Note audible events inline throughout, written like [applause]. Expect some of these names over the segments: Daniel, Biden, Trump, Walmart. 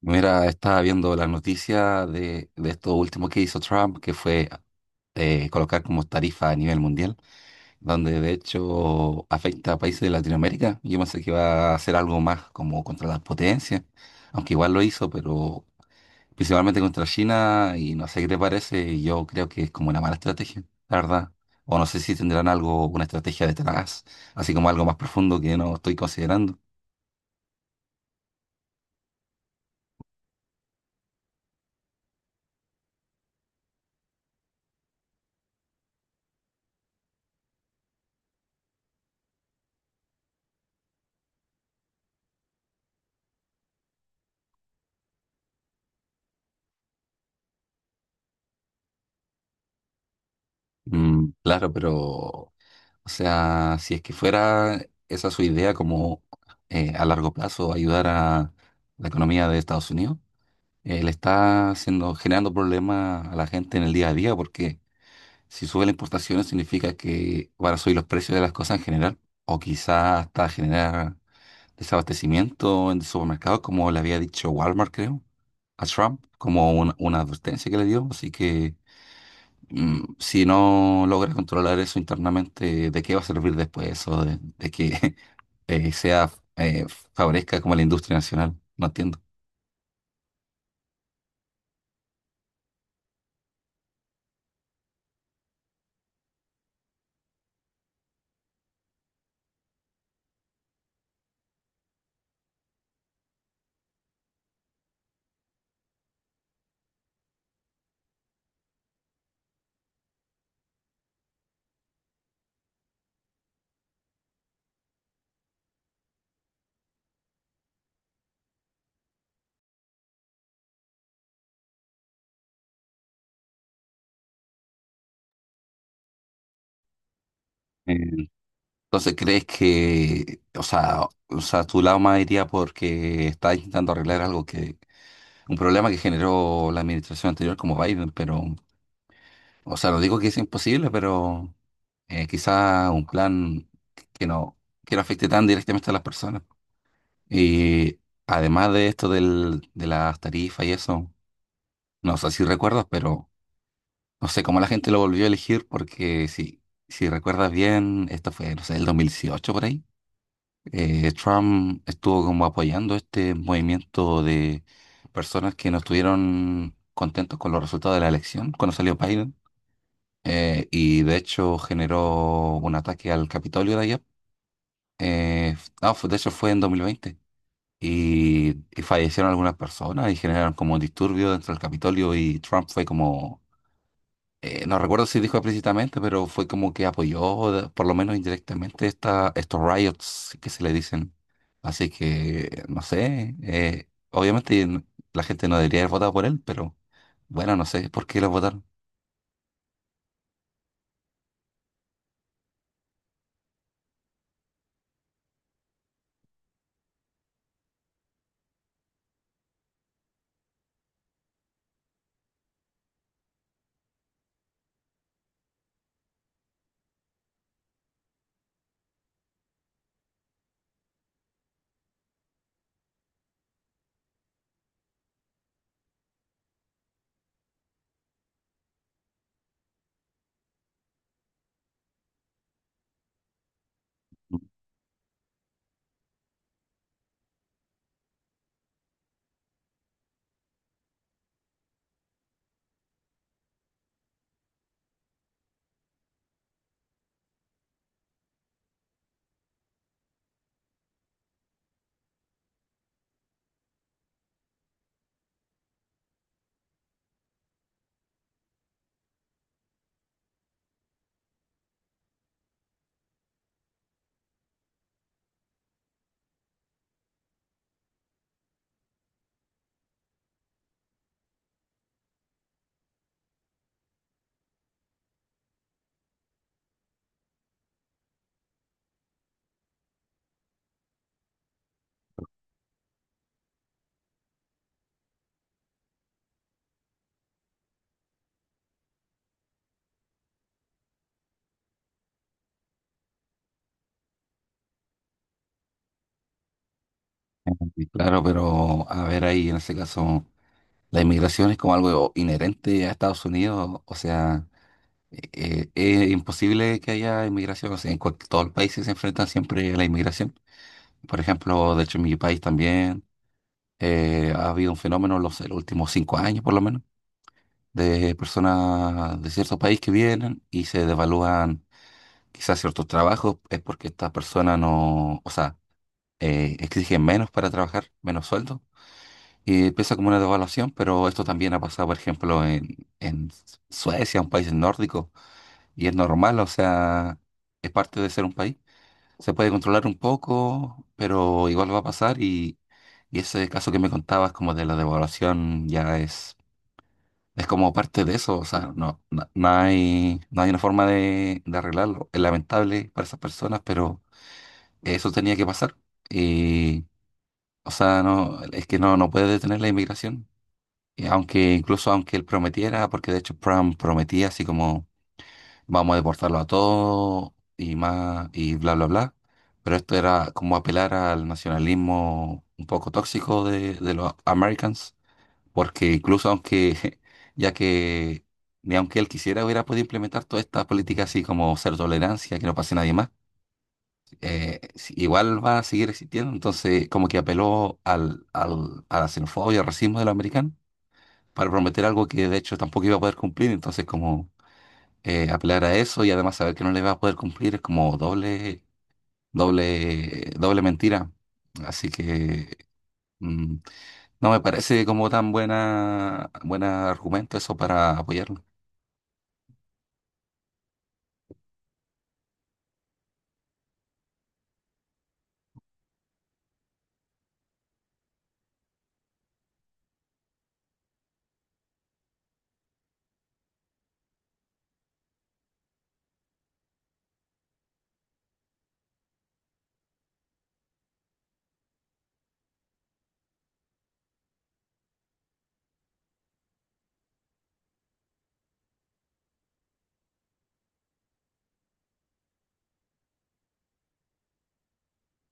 Mira, estaba viendo las noticias de esto último que hizo Trump, que fue colocar como tarifa a nivel mundial, donde de hecho afecta a países de Latinoamérica. Yo pensé que iba a hacer algo más como contra las potencias, aunque igual lo hizo, pero principalmente contra China, y no sé qué te parece, y yo creo que es como una mala estrategia, la verdad. O no sé si tendrán algo, una estrategia detrás, así como algo más profundo que no estoy considerando. Mm, claro, pero o sea, si es que fuera esa su idea como a largo plazo ayudar a la economía de Estados Unidos, le está haciendo, generando problemas a la gente en el día a día porque si sube las importaciones significa que van a subir los precios de las cosas en general o quizás hasta generar desabastecimiento en supermercados como le había dicho Walmart, creo, a Trump, como una advertencia que le dio. Así que si no logras controlar eso internamente, ¿de qué va a servir después eso? De que [laughs] eh, sea, eh, favorezca como la industria nacional. No entiendo. Eh, Entonces, ¿crees que, o sea, tu lado más iría porque está intentando arreglar algo que, un problema que generó la administración anterior como Biden? Pero, o sea, no digo que es imposible, pero quizá un plan que no, que no afecte tan directamente a las personas. Y además de esto de las tarifas y eso, no sé si recuerdas, pero no sé cómo la gente lo volvió a elegir porque si recuerdas bien, esto fue, no sé, el 2018 por ahí. Trump estuvo como apoyando este movimiento de personas que no estuvieron contentos con los resultados de la elección cuando salió Biden. Y de hecho generó un ataque al Capitolio de allá. Eh, no, de hecho fue en 2020 y fallecieron algunas personas y generaron como disturbios dentro del Capitolio, y Trump fue como, no recuerdo si dijo explícitamente, pero fue como que apoyó, por lo menos indirectamente, estos riots que se le dicen. Así que, no sé, obviamente la gente no debería haber votado por él, pero bueno, no sé por qué lo votaron. [laughs] Sí, claro, pero a ver ahí en ese caso, la inmigración es como algo inherente a Estados Unidos, o sea... es imposible que haya inmigración. O sea, en todos los países se enfrentan siempre a la inmigración. Por ejemplo, de hecho en mi país también ha habido un fenómeno en en los últimos 5 años por lo menos de personas de cierto país que vienen y se devalúan quizás ciertos trabajos. Es porque estas personas no, o sea, exigen menos para trabajar, menos sueldo. Y empieza como una devaluación, pero esto también ha pasado, por ejemplo, en Suecia, un país nórdico. Y es normal, o sea, es parte de ser un país. Se puede controlar un poco, pero igual va a pasar, y ese caso que me contabas como de la devaluación ya es como parte de eso. O sea, no hay, no hay una forma de arreglarlo. Es lamentable para esas personas, pero eso tenía que pasar. Y o sea, no, es que no puede detener la inmigración. Y aunque incluso aunque él prometiera, porque de hecho Trump prometía así como vamos a deportarlo a todos y más y bla, bla, bla. Pero esto era como apelar al nacionalismo un poco tóxico de los Americans, porque incluso aunque, [laughs] ya que ni aunque él quisiera, hubiera podido implementar toda esta política así como ser tolerancia, que no pase nadie más, igual va a seguir existiendo. Entonces, como que apeló a la xenofobia, al racismo de los americanos para prometer algo que de hecho tampoco iba a poder cumplir. Entonces, como apelar a eso y además saber que no le va a poder cumplir es como doble, doble, doble mentira. Así que mm, no me parece como tan buen argumento eso para apoyarlo.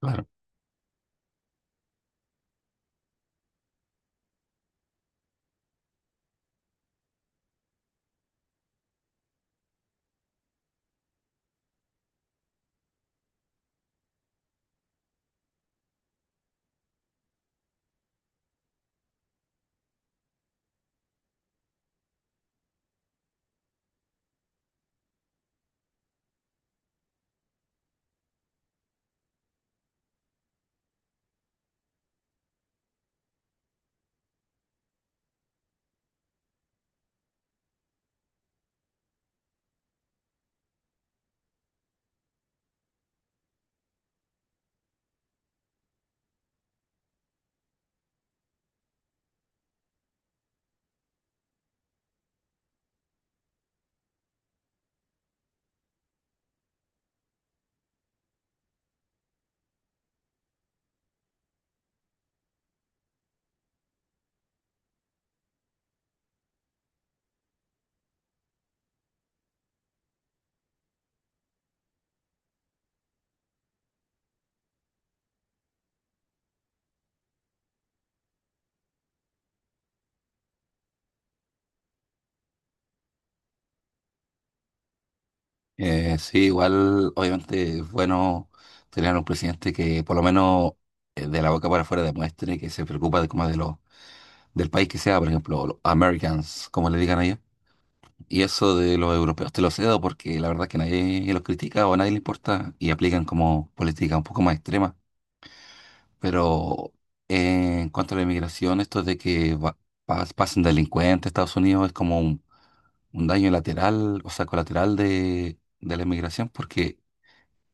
Claro. Sí, igual, obviamente es bueno tener un presidente que por lo menos de la boca para afuera demuestre que se preocupa de como de los del país que sea, por ejemplo, los Americans, como le digan allá. Y eso de los europeos te lo cedo porque la verdad que nadie los critica o a nadie le importa y aplican como política un poco más extrema. Pero en cuanto a la inmigración, esto de que pasen delincuentes a Estados Unidos es como un daño lateral, o sea, colateral de la inmigración porque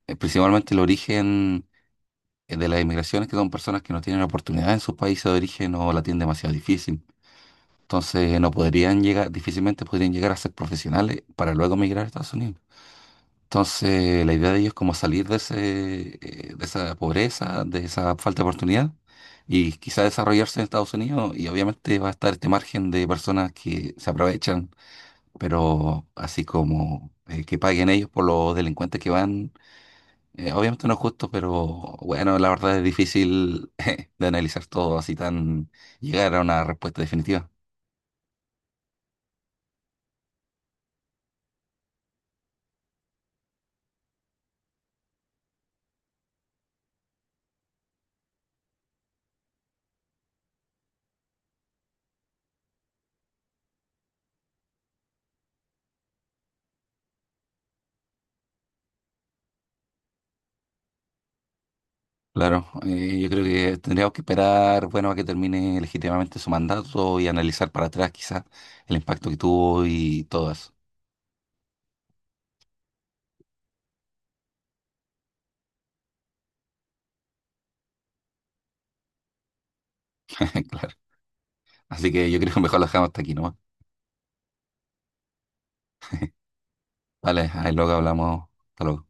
principalmente el origen de la inmigración es que son personas que no tienen oportunidad en sus países de origen o la tienen demasiado difícil. Entonces no podrían llegar, difícilmente podrían llegar a ser profesionales para luego migrar a Estados Unidos. Entonces, la idea de ellos es como salir de ese, de esa pobreza, de esa falta de oportunidad y quizá desarrollarse en Estados Unidos. Y obviamente va a estar este margen de personas que se aprovechan, pero así como que paguen ellos por los delincuentes que van, obviamente no es justo, pero bueno, la verdad es difícil [laughs] de analizar todo así tan llegar a una respuesta definitiva. Claro, yo creo que tendríamos que esperar, bueno, a que termine legítimamente su mandato y analizar para atrás quizás el impacto que tuvo y todo eso. [laughs] Claro. Así que yo creo que mejor lo dejamos hasta aquí, ¿no? Vale, ahí luego hablamos. Hasta luego.